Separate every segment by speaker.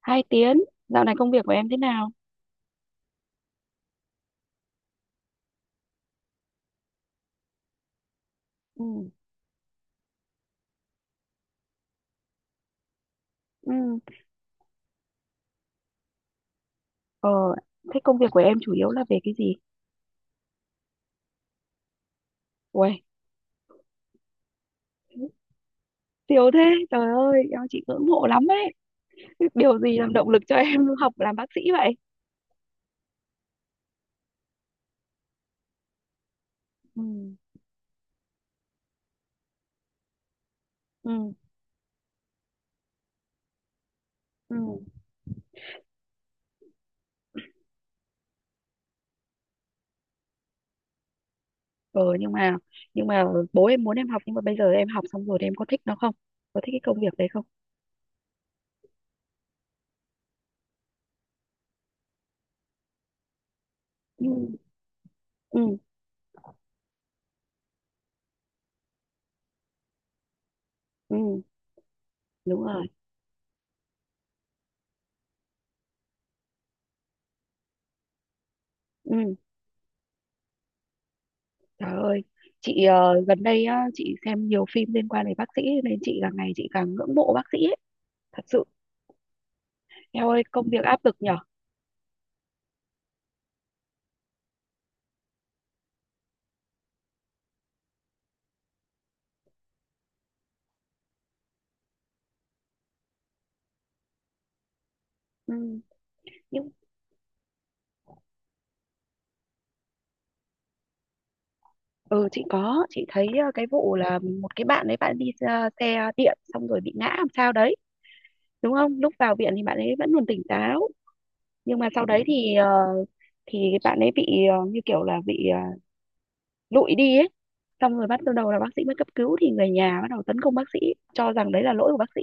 Speaker 1: Hai Tiến, dạo này công việc của em thế nào? Ừ. Ừ, ờ, thế công việc của em chủ yếu là về cái gì? Uầy, siêu thế, trời ơi, em chị ngưỡng mộ lắm ấy. Điều gì làm động lực cho em học làm bác sĩ vậy? Ừ. Ừ, ừ. Ờ, nhưng mà, nhưng mà bố em muốn em học, nhưng mà bây giờ em học xong rồi thì em có thích nó không? Có thích cái công việc đấy không? Ừ, ừ, ừ, đúng rồi. Ừ, trời ơi. Chị gần đây á, chị xem nhiều phim liên quan đến bác sĩ nên chị càng ngày chị càng ngưỡng mộ bác sĩ ấy. Thật sự theo ơi công việc áp lực nhở. Ừ. nhưng ừ chị có chị thấy cái vụ là một cái bạn ấy bạn đi xe điện xong rồi bị ngã làm sao đấy, đúng không? Lúc vào viện thì bạn ấy vẫn còn tỉnh táo nhưng mà sau đấy thì bạn ấy bị như kiểu là bị lụi đi ấy, xong rồi bắt đầu là bác sĩ mới cấp cứu thì người nhà bắt đầu tấn công bác sĩ, cho rằng đấy là lỗi của bác sĩ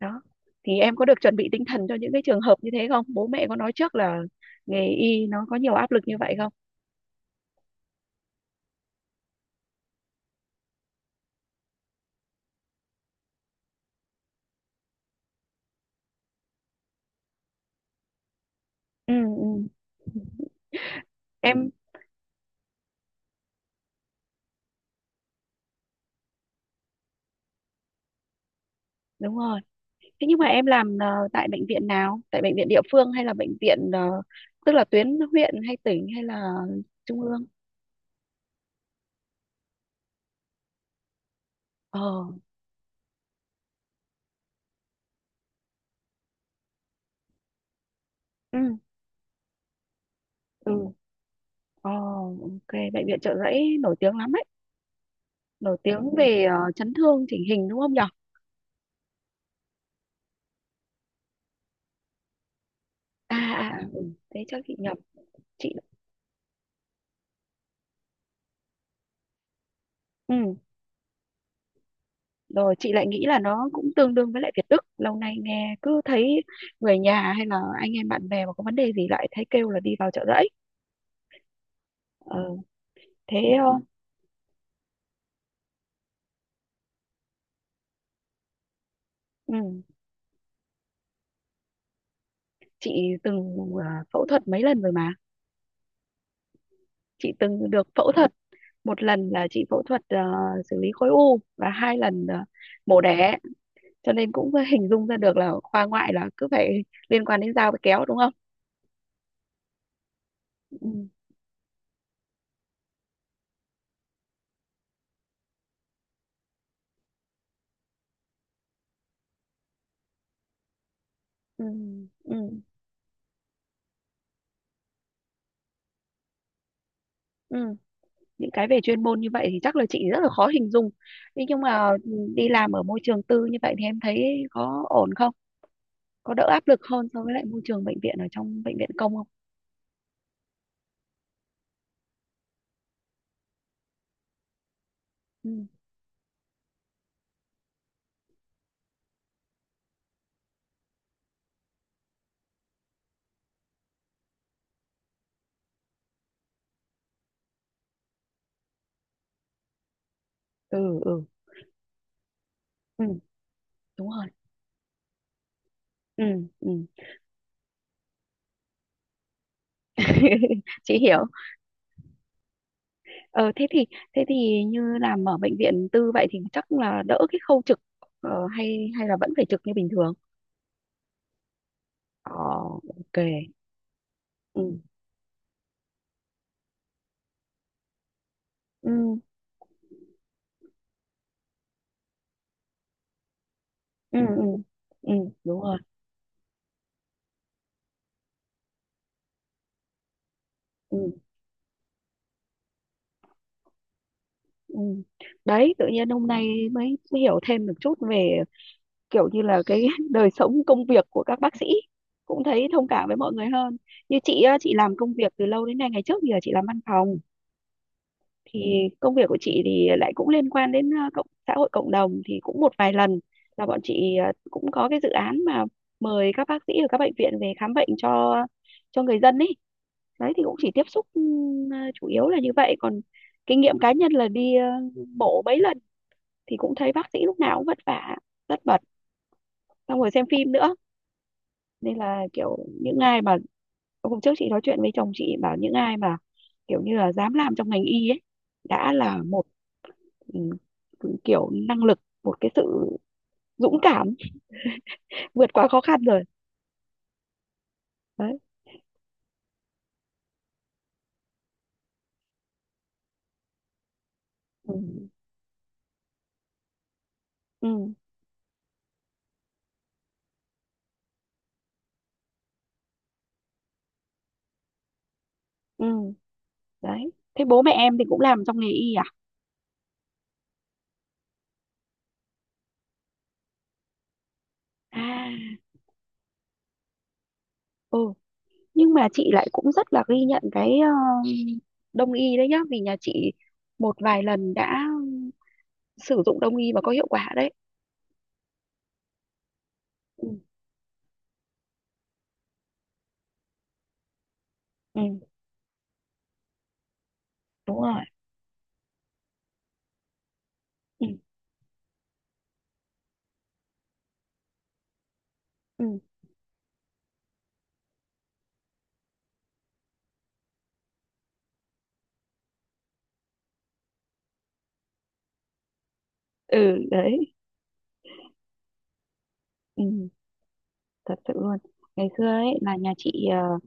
Speaker 1: đó. Thì em có được chuẩn bị tinh thần cho những cái trường hợp như thế không? Bố mẹ có nói trước là nghề y nó có nhiều áp lực như vậy không? Ừ, ừ. em Đúng rồi. Thế nhưng mà em làm tại bệnh viện nào? Tại bệnh viện địa phương hay là bệnh viện, tức là tuyến huyện hay tỉnh hay là trung ương? Ờ, ừ, ừ. Ờ, OK, bệnh viện Chợ Rẫy nổi tiếng lắm ấy, nổi tiếng về chấn thương chỉnh hình đúng không nhở? À, à, ừ. Thế chắc chị nhập chị. Ừ. Rồi chị lại nghĩ là nó cũng tương đương với lại Việt Đức. Lâu nay nghe cứ thấy người nhà hay là anh em bạn bè mà có vấn đề gì lại thấy kêu là đi vào Chợ Rẫy. Ờ, Thế. ờ, ừ. Chị từng phẫu thuật mấy lần rồi mà. Chị từng được phẫu thuật, một lần là chị phẫu thuật xử lý khối u, và hai lần mổ đẻ, cho nên cũng hình dung ra được là khoa ngoại là cứ phải liên quan đến dao với kéo đúng không. Ừ, ừ, ừ, ừ. Những cái về chuyên môn như vậy thì chắc là chị rất là khó hình dung. Thế nhưng mà đi làm ở môi trường tư như vậy thì em thấy có ổn không? Có đỡ áp lực hơn so với lại môi trường bệnh viện ở trong bệnh viện công không? Ừ. Ừ. Ừ, ừ. Đúng rồi. Ừ. Ừ. Chị hiểu. ờ thế thì thế thì như làm ở bệnh viện tư vậy thì chắc là đỡ cái khâu trực, hay hay là vẫn phải trực như bình thường? ờ OK. Ừ. Ừ. Ừ. Ừ, ừ. Đúng rồi. Ừ. Ừ. Đấy tự nhiên hôm nay mới hiểu thêm được chút về kiểu như là cái đời sống công việc của các bác sĩ, cũng thấy thông cảm với mọi người hơn. Như chị á, chị làm công việc từ lâu đến nay, ngày trước thì là chị làm văn phòng, thì công việc của chị thì lại cũng liên quan đến cộng xã hội cộng đồng, thì cũng một vài lần là bọn chị cũng có cái dự án mà mời các bác sĩ ở các bệnh viện về khám bệnh cho người dân ấy. Đấy thì cũng chỉ tiếp xúc chủ yếu là như vậy. Còn kinh nghiệm cá nhân là đi mổ mấy lần thì cũng thấy bác sĩ lúc nào cũng vất vả, rất bật, xong rồi xem phim nữa, nên là kiểu những ai mà, hôm trước chị nói chuyện với chồng, chị bảo những ai mà kiểu như là dám làm trong ngành y ấy đã là một, ừ, kiểu năng lực, một cái sự dũng cảm vượt qua khó khăn rồi đấy. Ừ. Ừ. Ừ. Đấy thế bố mẹ em thì cũng làm trong nghề y à? À. Ừ. Nhưng mà chị lại cũng rất là ghi nhận cái đông y đấy nhá, vì nhà chị một vài lần đã sử dụng đông y và có hiệu quả đấy. Ừ. Ừ. Đúng rồi. Ừ. Ừ. Ừ. Đấy. Ừ. Thật sự luôn. Ngày xưa ấy là nhà chị,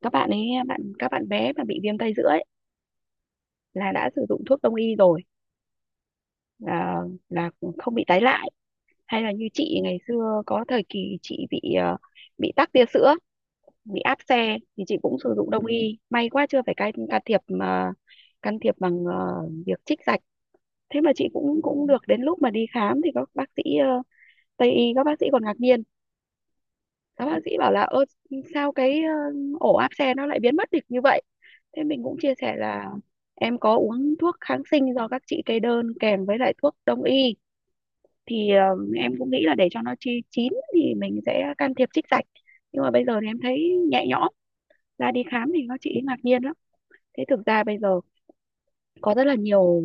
Speaker 1: các bạn ấy, các bạn bé mà bị viêm tay giữa ấy là đã sử dụng thuốc đông y rồi, à, là không bị tái lại. Hay là như chị, ngày xưa có thời kỳ chị bị bị tắc tia sữa, bị áp xe thì chị cũng sử dụng đông y, may quá chưa phải can, thiệp mà can thiệp bằng việc trích dạch. Thế mà chị cũng cũng được, đến lúc mà đi khám thì các bác sĩ Tây y, các bác sĩ còn ngạc nhiên. Các bác sĩ bảo là, ơ sao cái ổ áp xe nó lại biến mất được như vậy. Thế mình cũng chia sẻ là em có uống thuốc kháng sinh do các chị kê đơn kèm với lại thuốc đông y, thì em cũng nghĩ là để cho nó chi chín thì mình sẽ can thiệp trích dạch, nhưng mà bây giờ thì em thấy nhẹ nhõm ra, đi khám thì các chị ấy ngạc nhiên lắm. Thế thực ra bây giờ có rất là nhiều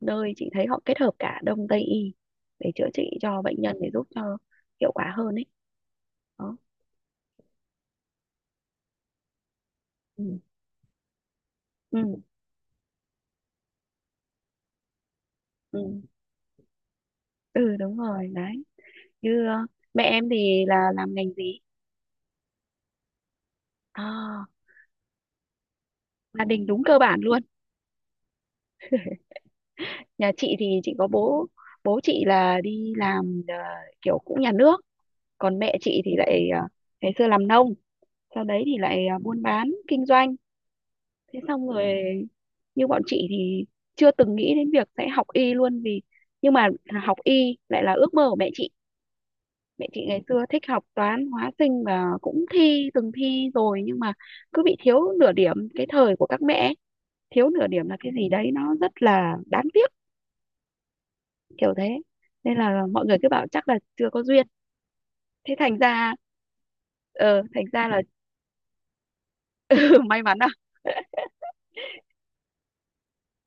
Speaker 1: nơi chị thấy họ kết hợp cả đông tây y để chữa trị cho bệnh nhân, để giúp cho hiệu quả hơn ấy đó. Ừ. Ừ. Ừ, ừ. Đúng rồi đấy. Như mẹ em thì là làm ngành gì? À, gia đình đúng cơ bản luôn. Nhà chị thì chị có bố, bố chị là đi làm kiểu cũng nhà nước, còn mẹ chị thì lại ngày xưa làm nông, sau đấy thì lại buôn bán kinh doanh. Thế xong rồi, như bọn chị thì chưa từng nghĩ đến việc sẽ học y luôn vì, nhưng mà học y lại là ước mơ của mẹ chị. Mẹ chị ngày xưa thích học toán hóa sinh và cũng thi, từng thi rồi nhưng mà cứ bị thiếu nửa điểm, cái thời của các mẹ ấy, thiếu nửa điểm là cái gì đấy nó rất là đáng tiếc, kiểu thế. Nên là mọi người cứ bảo chắc là chưa có duyên. Thế thành ra, thành ra là may mắn à?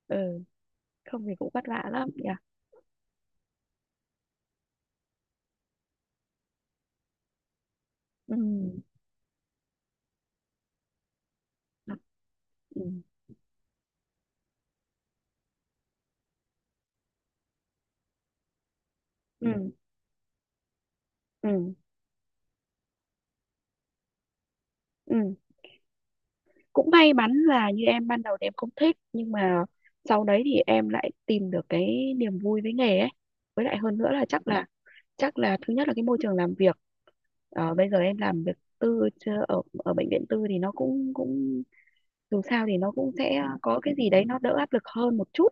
Speaker 1: Ừ. Không thì cũng vất vả lắm nhỉ. Ừ. Ừ. Ừ. Ừ. Ừ. Ừ. Cũng may mắn là như em ban đầu thì em không thích nhưng mà sau đấy thì em lại tìm được cái niềm vui với nghề ấy. Với lại hơn nữa là chắc là thứ nhất là cái môi trường làm việc. Ờ, bây giờ em làm việc tư chưa- ở ở bệnh viện tư thì nó cũng, dù sao thì nó cũng sẽ có cái gì đấy nó đỡ áp lực hơn một chút,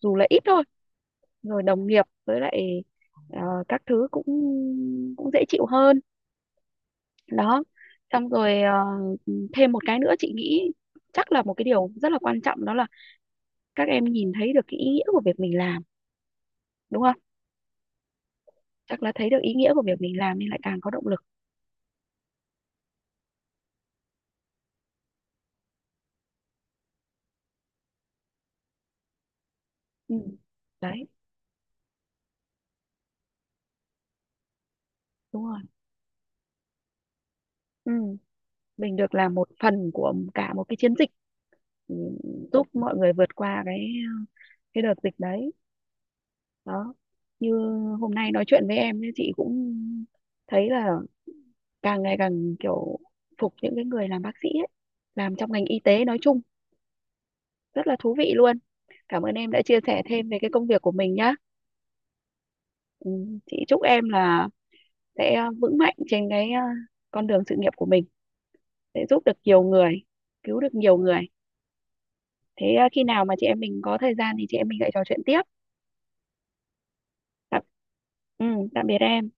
Speaker 1: dù là ít thôi. Rồi đồng nghiệp với lại ờ, các thứ cũng cũng dễ chịu hơn đó. Xong rồi thêm một cái nữa chị nghĩ, chắc là một cái điều rất là quan trọng, đó là các em nhìn thấy được cái ý nghĩa của việc mình làm đúng không? Chắc là thấy được ý nghĩa của việc mình làm nên lại càng có động lực. Ừ. Đấy đúng rồi. Ừ. Mình được làm một phần của cả một cái chiến dịch, ừ, giúp mọi người vượt qua cái đợt dịch đấy đó. Như hôm nay nói chuyện với em ấy, chị cũng thấy là càng ngày càng kiểu phục những cái người làm bác sĩ ấy, làm trong ngành y tế nói chung, rất là thú vị luôn. Cảm ơn em đã chia sẻ thêm về cái công việc của mình nhá. Ừ, chị chúc em là sẽ vững mạnh trên cái con đường sự nghiệp của mình, sẽ giúp được nhiều người, cứu được nhiều người. Thế khi nào mà chị em mình có thời gian thì chị em mình lại trò chuyện tiếp. Tạm, ừ, tạm biệt em.